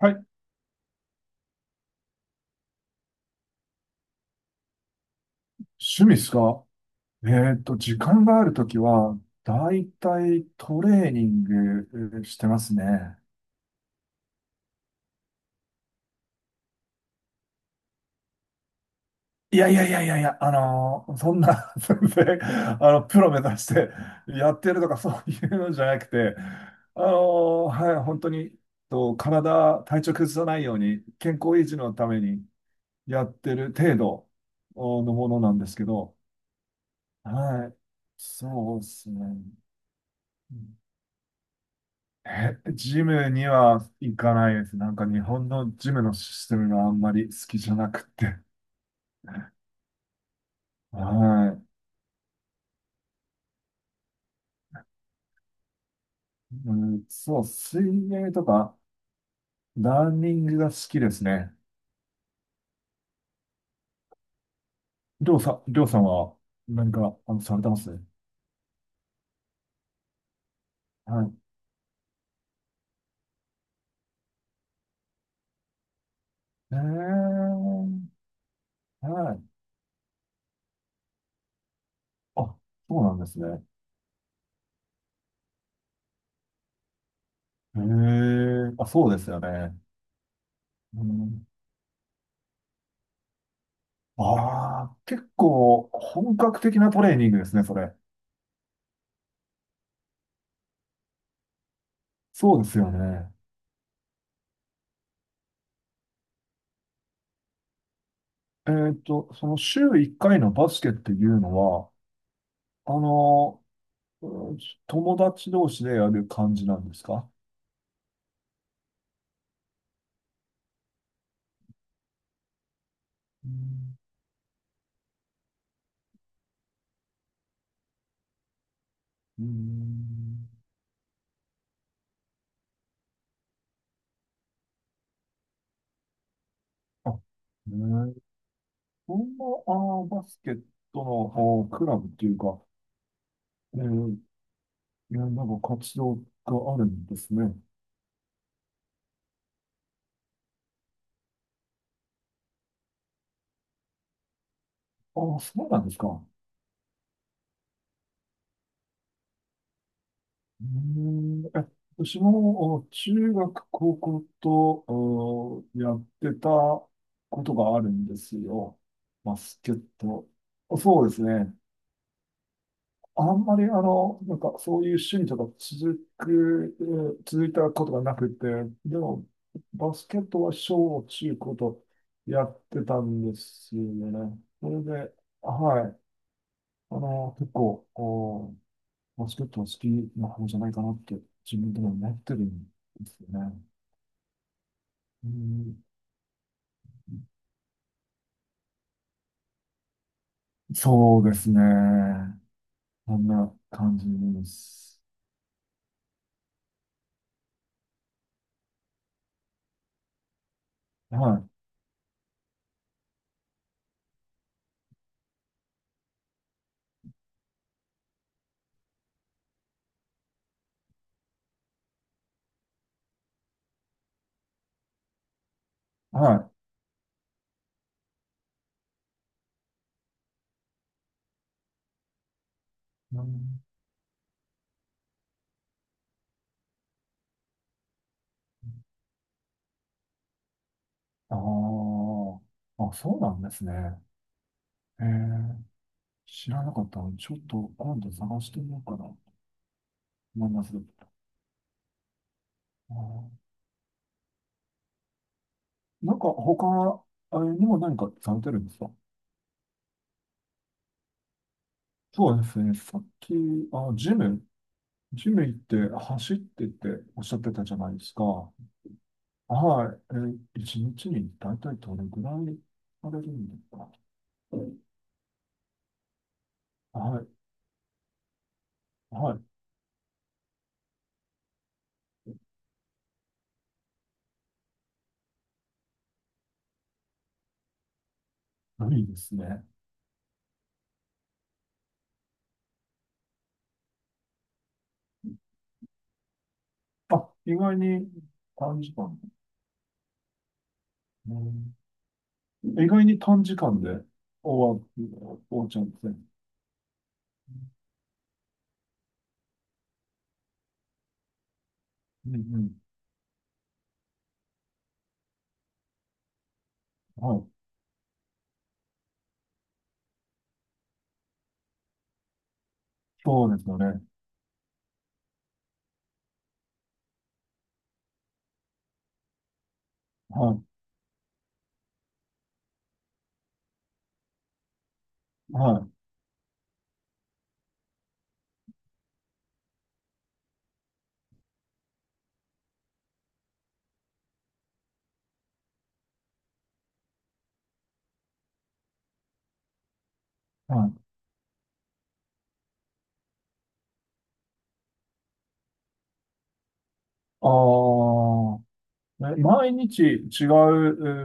はい。趣味ですか？時間があるときは、だいたいトレーニングしてますね。いやいやいやいやいや、そんな、全然、プロ目指してやってるとかそういうのじゃなくて、はい、本当に、体調崩さないように、健康維持のためにやってる程度のものなんですけど、はい、そうですね。ジムには行かないです。なんか日本のジムのシステムがあんまり好きじゃなくて。はい。うん、そう、水泳とか、ランニングが好きですね。りょうさんは何か、されてますはい。えー、はい。あ、そうなんですね。あ、そうですよね。うん、ああ、結構本格的なトレーニングですね、それ。そうですよね。その週1回のバスケっていうのは、あの、うん、友達同士でやる感じなんですか？うんうん。あ、ね、えー、そんな、バスケットの、クラブっていうか、えー、いや、なんか活動があるんですね。ああ、そうなんですか。うーん。私もお中学、高校とおやってたことがあるんですよ。バスケット。そうですね。あんまりなんかそういう趣味とか続く、えー続いたことがなくて、でもバスケットは小中高とやってたんですよね。それで、はい。結構、バスケットは好きな方じゃないかなって、自分でも思ってるんですよね。うん、そうですね。こんな感じです。はい、はい。うん、あ、そうなんですね。えー、知らなかったので、ちょっと今度探してみようかなと思います。あーなんか他、あれにも何かされてるんですか？そうですね。さっき、あ、ジム行って走ってっておっしゃってたじゃないですか。はい。一日に大体どれぐらいされるんですか？はい。はい。無理ですね。あ、意外に短時間。うん、意外に短時間で終わ、終わっちゃうんですね。うんうん。はい。そうですよね。はい。はい。はい。ああ、毎日違う、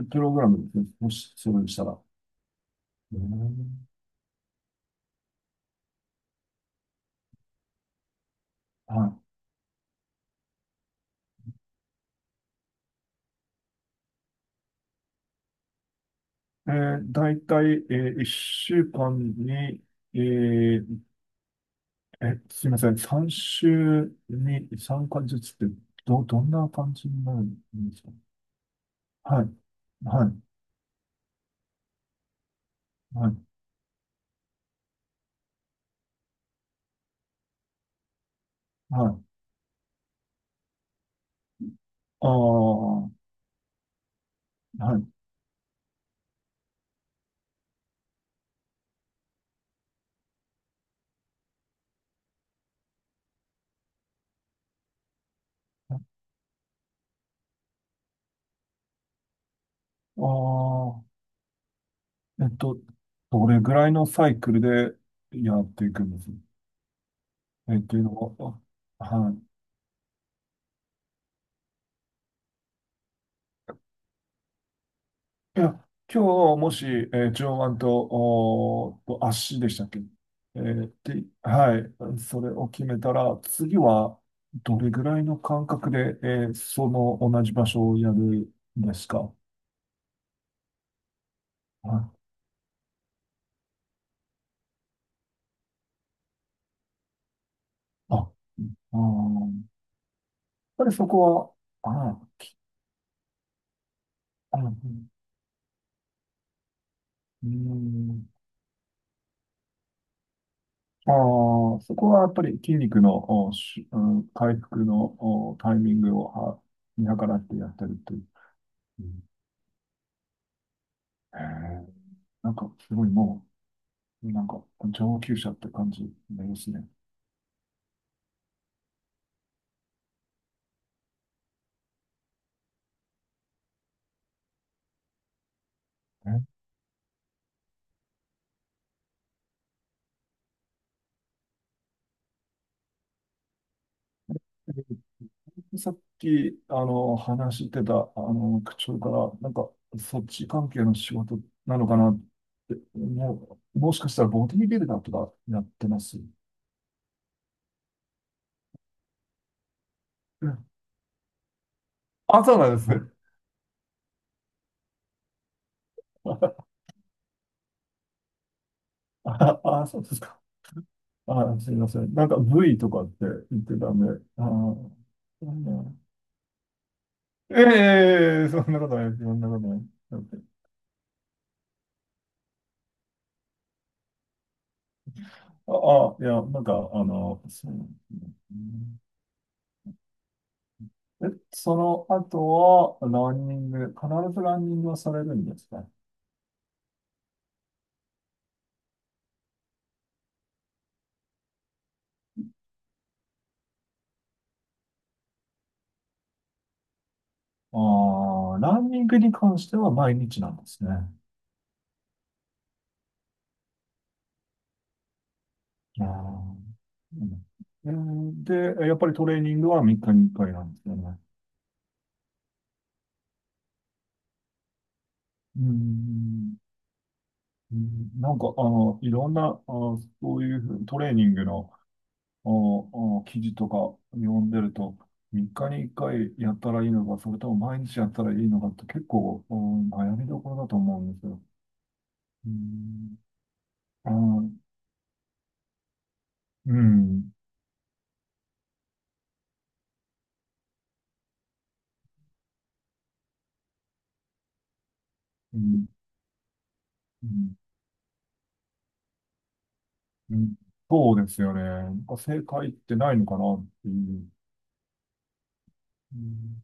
プログラムですね。もし、それでしたら。うん、はい。大体、1週間に、えーえ、すいません。3週に参加ずつって、どんな感じになるんですか？はい。はい。はい。はい。ああ、はい。ああ、どれぐらいのサイクルでやっていくんです、っていうのは、あ、はい。いや、今日もし、上腕と、おーと足でしたっけ？で、はい、それを決めたら、次はどれぐらいの間隔で、その同じ場所をやるんですか？はい。あ、あー、やっぱりそこは、あー、あー、うん、あー、そこはやっぱり筋肉の、うん、回復の、タイミングをは見計らってやってるという。うん、へー、なんかすごいもう、なんか、上級者って感じになりますね。うさっき、話してた、口調から、なんか、そっち関係の仕事なのかなって、もう、もしかしたらボディビルダーとかやってます？うん、あ、そうなんですね。あ、あ、そうですか。あ、すみません。なんか、V とかって言ってたんで、あー、うん、ええ、そんなことないそんなことね。だって、あ、あいや、なんか、そう。うん、え、その後は、ランニング、必ずランニングはされるんですか？ああ、ランニングに関しては毎日なんですね。ああ、うん、で、やっぱりトレーニングは3日に1回なんですよね。うん、うん、なんか、いろんな、あ、そういうトレーニングの、あ、記事とか読んでると、3日に1回やったらいいのか、それとも毎日やったらいいのかって結構、うん、悩みどころだと思うんですよ。うん、ああ、うん、うん、うん、うん、そうですよね。なんか正解ってないのかなっていう。うん。